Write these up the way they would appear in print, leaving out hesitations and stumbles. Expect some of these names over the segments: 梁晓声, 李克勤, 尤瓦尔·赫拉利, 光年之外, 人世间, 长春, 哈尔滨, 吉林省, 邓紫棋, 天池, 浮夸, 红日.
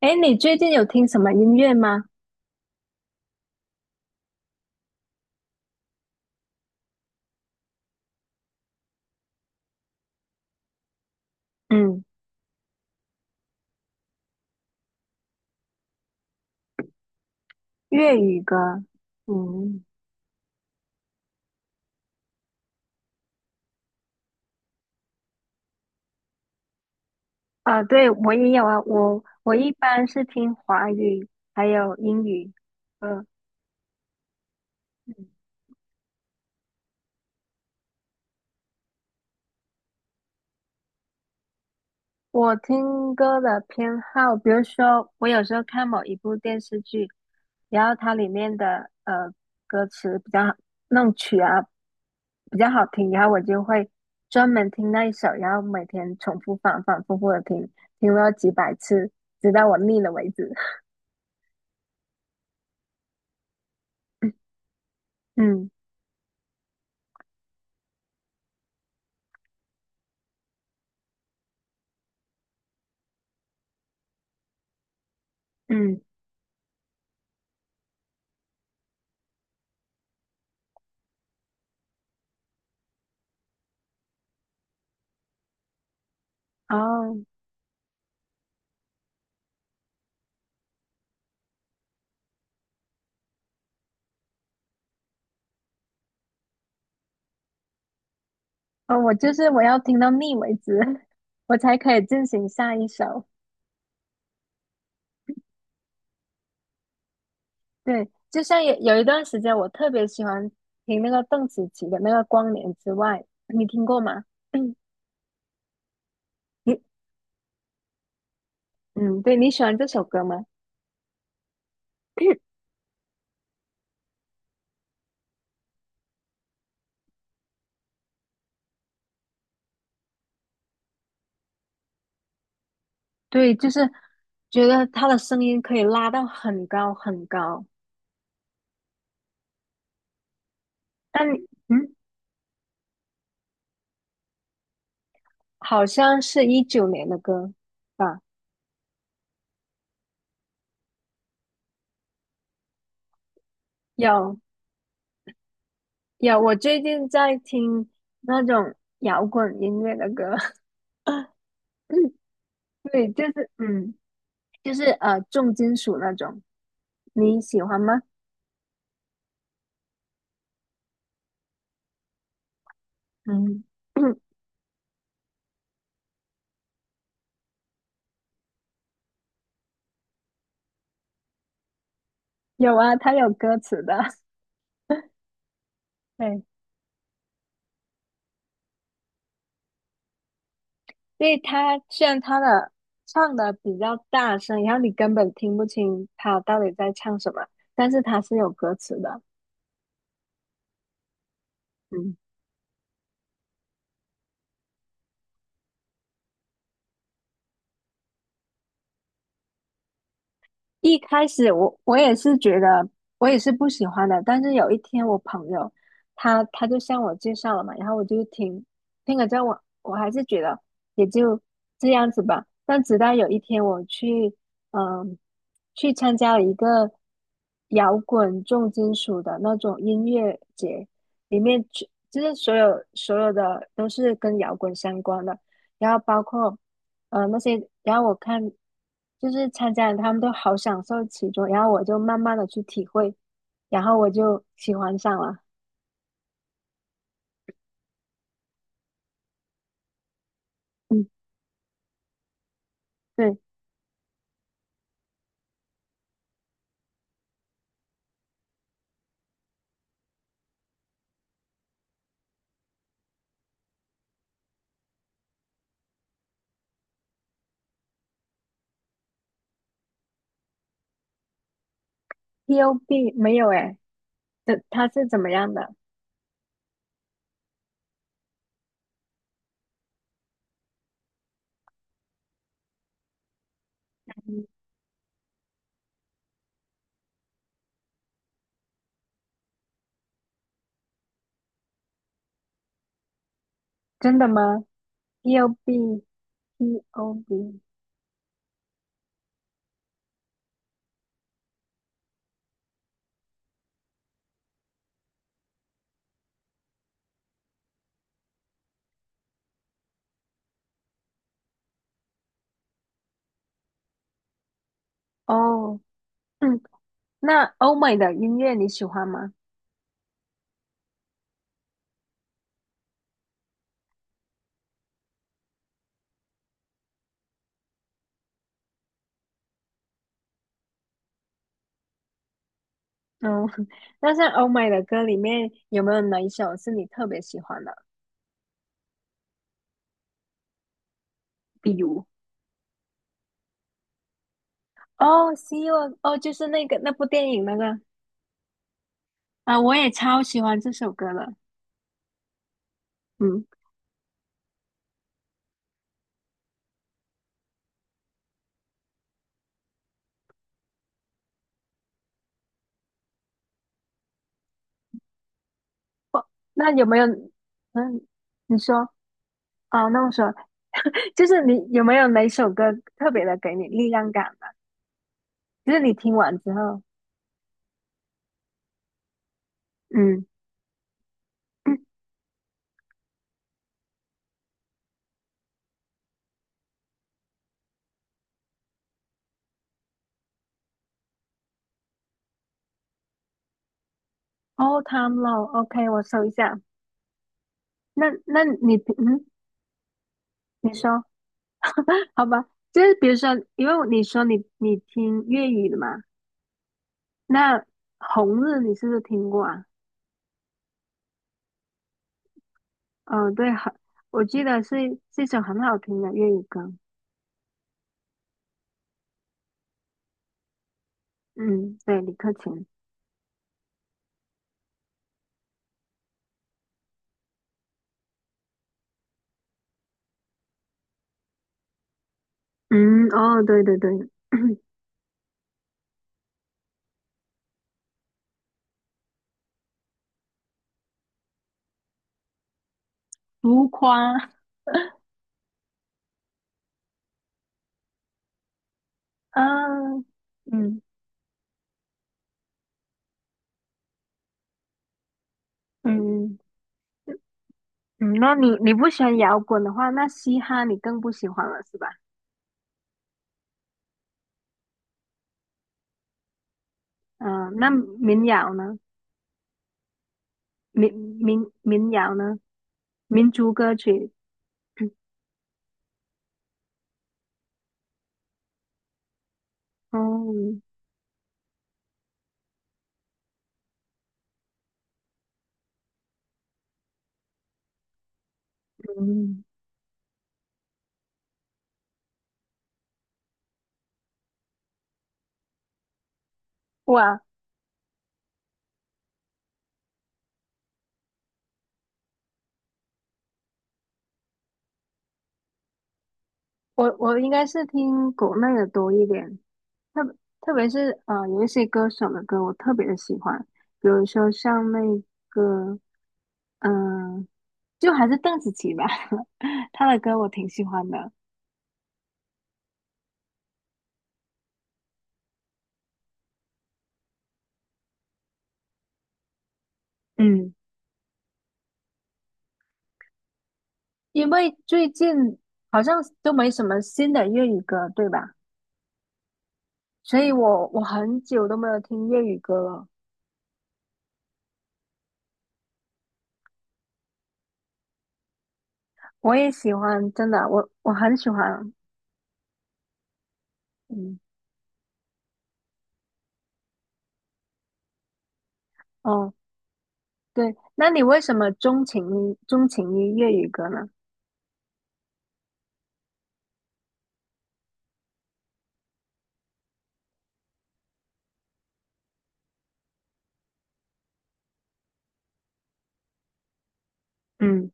哎，你最近有听什么音乐吗？嗯，粤语歌。嗯，啊，对，我也有啊。我一般是听华语，还有英语歌。嗯，我听歌的偏好，比如说我有时候看某一部电视剧，然后它里面的歌词比较好，那种曲啊比较好听，然后我就会专门听那一首，然后每天重复反反复复的听，听了几百次，直到我腻了为止。嗯，嗯。哦。哦，我就是我要听到腻为止，我才可以进行下一首。对，就像有一段时间，我特别喜欢听那个邓紫棋的那个《光年之外》，你听过吗？你嗯，对，你喜欢这首歌吗？对，就是觉得他的声音可以拉到很高很高，但嗯，好像是19年的歌吧？有，我最近在听那种摇滚音乐的歌。对，就是,重金属那种，你喜欢吗？嗯。有啊，它有歌词的。对，所以它虽然它的唱的比较大声，然后你根本听不清它到底在唱什么，但是它是有歌词的，嗯。一开始我也是觉得我也是不喜欢的，但是有一天我朋友他就向我介绍了嘛，然后我就听了之后我还是觉得也就这样子吧。但直到有一天我去嗯去参加了一个摇滚重金属的那种音乐节，里面就是所有的都是跟摇滚相关的，然后包括。那些，然后我看就是参加的他们都好享受其中，然后我就慢慢的去体会，然后我就喜欢上了。嗯，对， p o b 没有诶，这他是怎么样的？嗯，真的吗？ p o b POB。 哦。嗯，那欧美的音乐你喜欢吗？嗯。那像欧美的歌里面有没有哪一首是你特别喜欢的？比如哦，《See You》哦，就是那个那部电影那个。啊、我也超喜欢这首歌的。嗯，那有没有？嗯，你说哦，那我说，就是你有没有哪首歌特别的给你力量感的？就是你听完之后。嗯，嗯，All Time Low，OK，我搜一下。那你平你说 好吧？就是比如说，因为你说你听粤语的嘛，那《红日》你是不是听过啊？嗯、对，很，我记得是一首很好听的粤语歌。嗯，对，李克勤。嗯。哦，对对对。浮夸啊。嗯，嗯，嗯，那你不喜欢摇滚的话，那嘻哈你更不喜欢了是吧？嗯，那民谣呢？民民谣呢？民族歌曲。哦。嗯，哇，我应该是听国内的多一点，特特别是啊，有一些歌手的歌我特别的喜欢，比如说像那个嗯、呃就还是邓紫棋吧，她的歌我挺喜欢的。嗯，因为最近好像都没什么新的粤语歌，对吧？所以我很久都没有听粤语歌了。我也喜欢，真的，我很喜欢。嗯。哦，对，那你为什么钟情于粤语歌呢？嗯。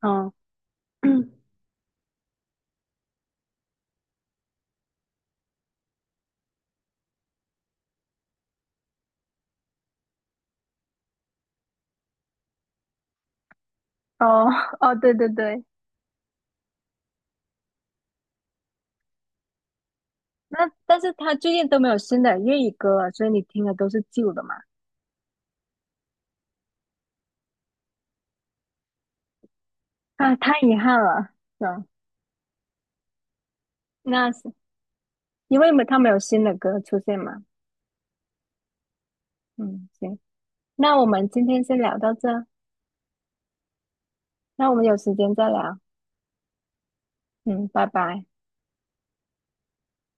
哦。哦。哦，对对对。那但是他最近都没有新的粤语歌了，所以你听的都是旧的嘛？啊，太遗憾了，是吧？那因为他们有新的歌出现嘛。嗯，行，那我们今天先聊到这，那我们有时间再聊。嗯，拜拜。